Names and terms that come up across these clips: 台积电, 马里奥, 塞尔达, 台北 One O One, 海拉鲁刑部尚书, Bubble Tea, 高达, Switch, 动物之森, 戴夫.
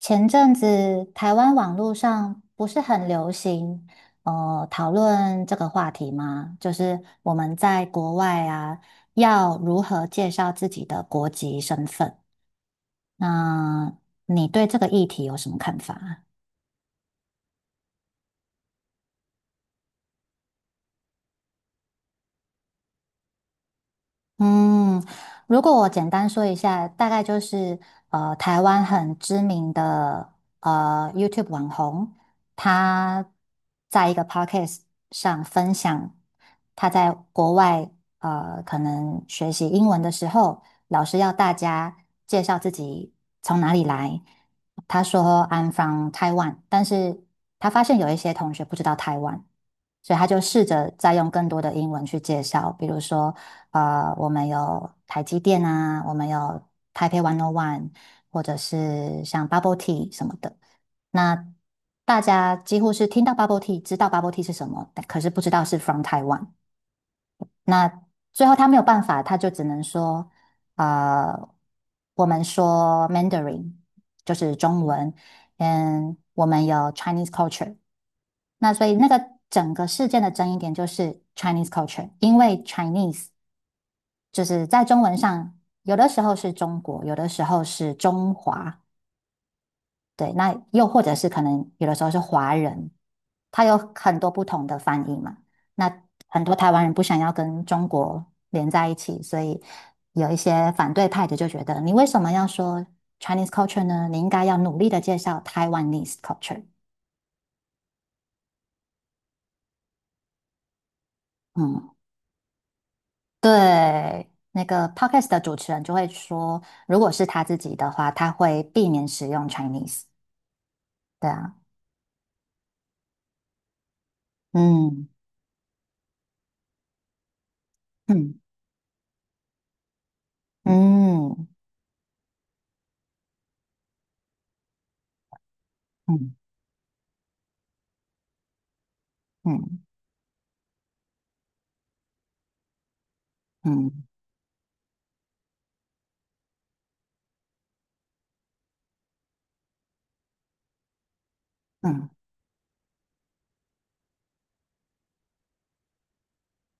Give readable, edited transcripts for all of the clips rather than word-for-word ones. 前阵子台湾网络上不是很流行，讨论这个话题吗？就是我们在国外啊，要如何介绍自己的国籍身份？那你对这个议题有什么看法啊？嗯，如果我简单说一下，大概就是台湾很知名的YouTube 网红，他在一个 podcast 上分享他在国外可能学习英文的时候，老师要大家介绍自己从哪里来。他说 "I'm from Taiwan"，但是他发现有一些同学不知道台湾。所以他就试着再用更多的英文去介绍，比如说我们有台积电啊，我们有台北 101，或者是像 Bubble Tea 什么的。那大家几乎是听到 Bubble Tea，知道 Bubble Tea 是什么，但可是不知道是 from Taiwan。那最后他没有办法，他就只能说，呃，我们说 Mandarin 就是中文，嗯，我们有 Chinese culture。那所以那个整个事件的争议点就是 Chinese culture，因为 Chinese。就是在中文上，有的时候是中国，有的时候是中华，对，那又或者是可能有的时候是华人，它有很多不同的翻译嘛。那很多台湾人不想要跟中国连在一起，所以有一些反对派的就觉得，你为什么要说 Chinese culture 呢？你应该要努力的介绍 Taiwanese culture。嗯，对。那个 podcast 的主持人就会说，如果是他自己的话，他会避免使用 Chinese。对啊。嗯嗯嗯嗯嗯嗯嗯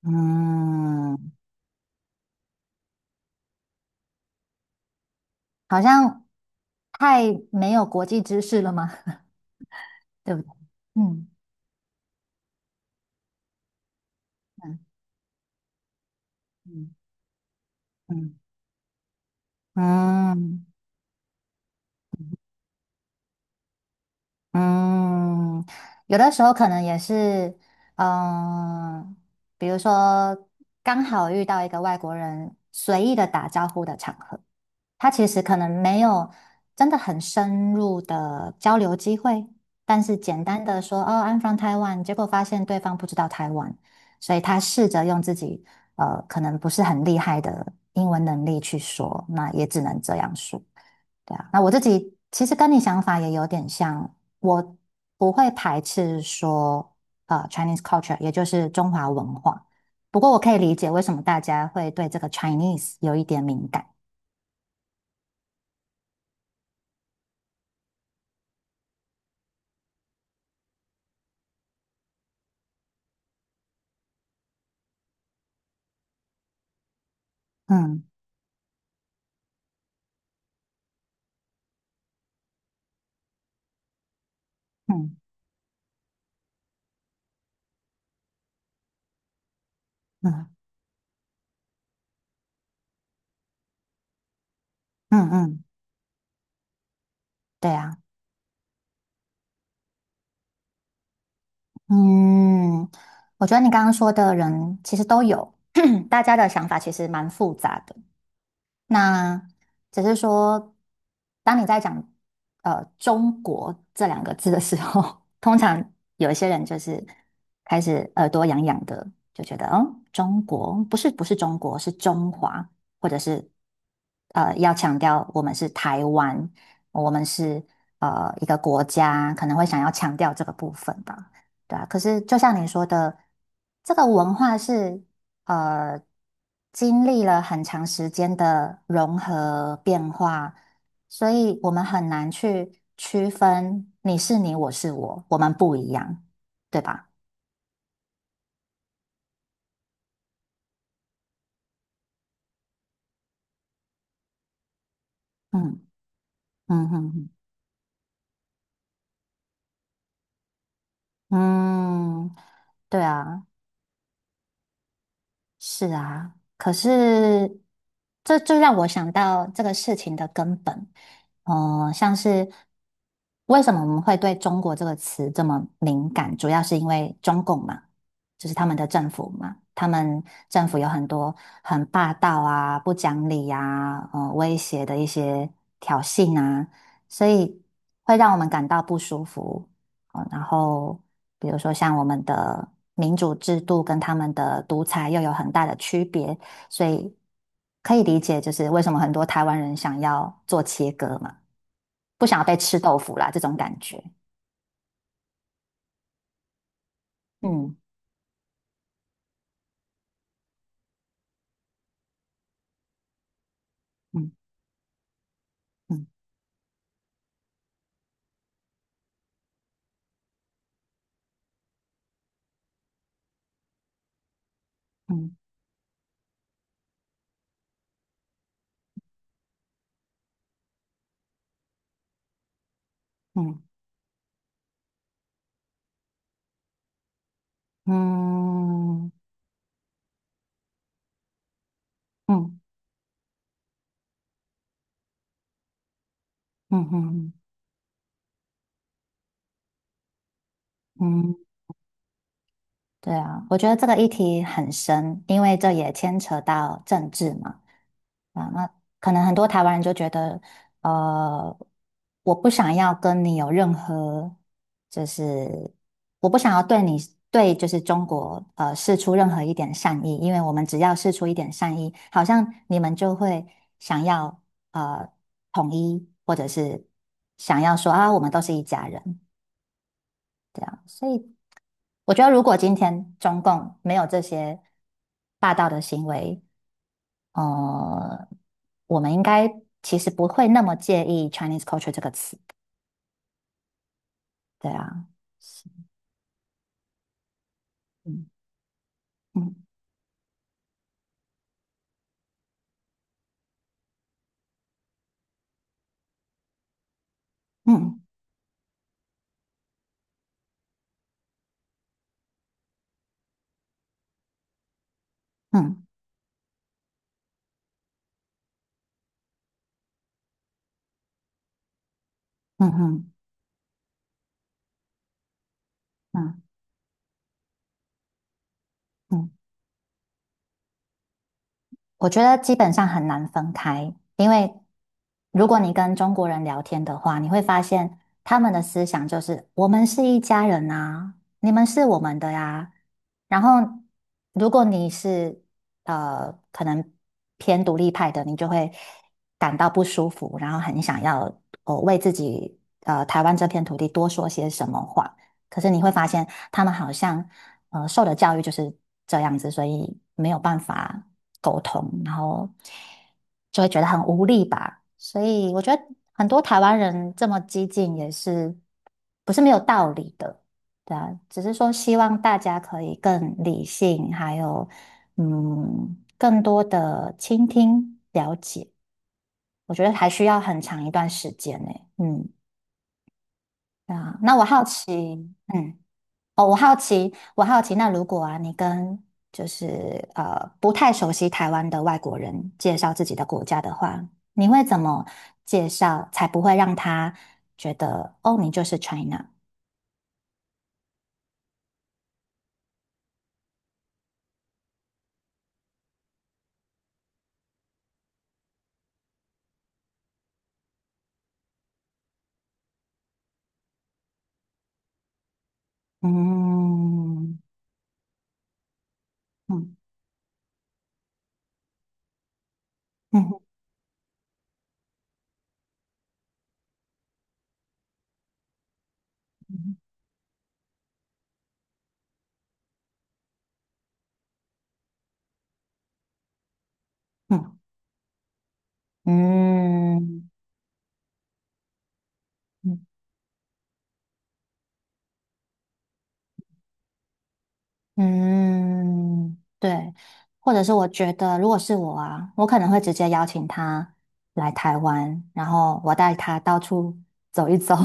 嗯，好像太没有国际知识了吗？对不对？嗯嗯嗯嗯嗯嗯，有的时候可能也是，嗯，比如说刚好遇到一个外国人随意的打招呼的场合。他其实可能没有真的很深入的交流机会，但是简单的说哦，I'm from Taiwan，结果发现对方不知道台湾，所以他试着用自己可能不是很厉害的英文能力去说，那也只能这样说。对啊，那我自己其实跟你想法也有点像，我不会排斥说Chinese culture，也就是中华文化，不过我可以理解为什么大家会对这个 Chinese 有一点敏感。嗯。嗯嗯嗯嗯，嗯对啊，嗯，我觉得你刚刚说的人其实都有，大家的想法其实蛮复杂的。那只是说，当你在讲“中国"这两个字的时候，通常有一些人就是开始耳朵痒痒的，就觉得中国不是中国，是中华，或者是要强调我们是台湾，我们是一个国家，可能会想要强调这个部分吧。对啊，可是就像你说的，这个文化是呃，经历了很长时间的融合变化，所以我们很难去区分你是你，我是我，我们不一样，对吧？嗯嗯嗯嗯，嗯对啊。是啊，可是这就让我想到这个事情的根本，像是为什么我们会对中国这个词这么敏感，主要是因为中共嘛，就是他们的政府嘛，他们政府有很多很霸道啊、不讲理呀、威胁的一些挑衅啊，所以会让我们感到不舒服。哦，然后比如说像我们的民主制度跟他们的独裁又有很大的区别，所以可以理解就是为什么很多台湾人想要做切割嘛，不想要被吃豆腐啦这种感觉。嗯嗯嗯嗯嗯嗯嗯嗯嗯嗯，对啊，我觉得这个议题很深，因为这也牵扯到政治嘛。啊，那可能很多台湾人就觉得，呃，我不想要跟你有任何，就是我不想要对你对就是中国示出任何一点善意，因为我们只要示出一点善意，好像你们就会想要呃统一，或者是想要说啊，我们都是一家人，这样，所以我觉得如果今天中共没有这些霸道的行为，呃，我们应该其实不会那么介意 Chinese culture 这个词，对啊，是嗯嗯嗯嗯嗯嗯嗯嗯嗯。我觉得基本上很难分开，因为如果你跟中国人聊天的话，你会发现他们的思想就是我们是一家人啊，你们是我们的呀。然后，如果你是可能偏独立派的，你就会感到不舒服，然后很想要哦为自己台湾这片土地多说些什么话。可是你会发现，他们好像受的教育就是这样子，所以没有办法沟通，然后就会觉得很无力吧。所以我觉得很多台湾人这么激进也是不是没有道理的，对啊，只是说希望大家可以更理性，还有更多的倾听了解，我觉得还需要很长一段时间呢。嗯，对啊，那我好奇，嗯。哦，我好奇，我好奇，那如果啊，你跟就是不太熟悉台湾的外国人介绍自己的国家的话，你会怎么介绍才不会让他觉得哦，你就是 China？嗯嗯嗯嗯嗯嗯嗯。嗯嗯嗯，对，或者是我觉得，如果是我啊，我可能会直接邀请他来台湾，然后我带他到处走一走，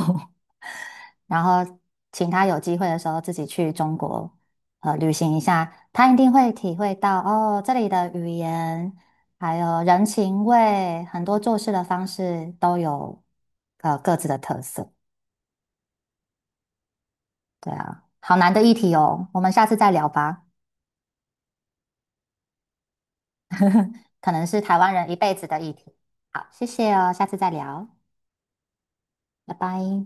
然后请他有机会的时候自己去中国旅行一下，他一定会体会到哦这里的语言，还有人情味，很多做事的方式都有各自的特色。对啊，好难的一题哦，我们下次再聊吧。可能是台湾人一辈子的议题。好，谢谢哦，下次再聊，拜拜。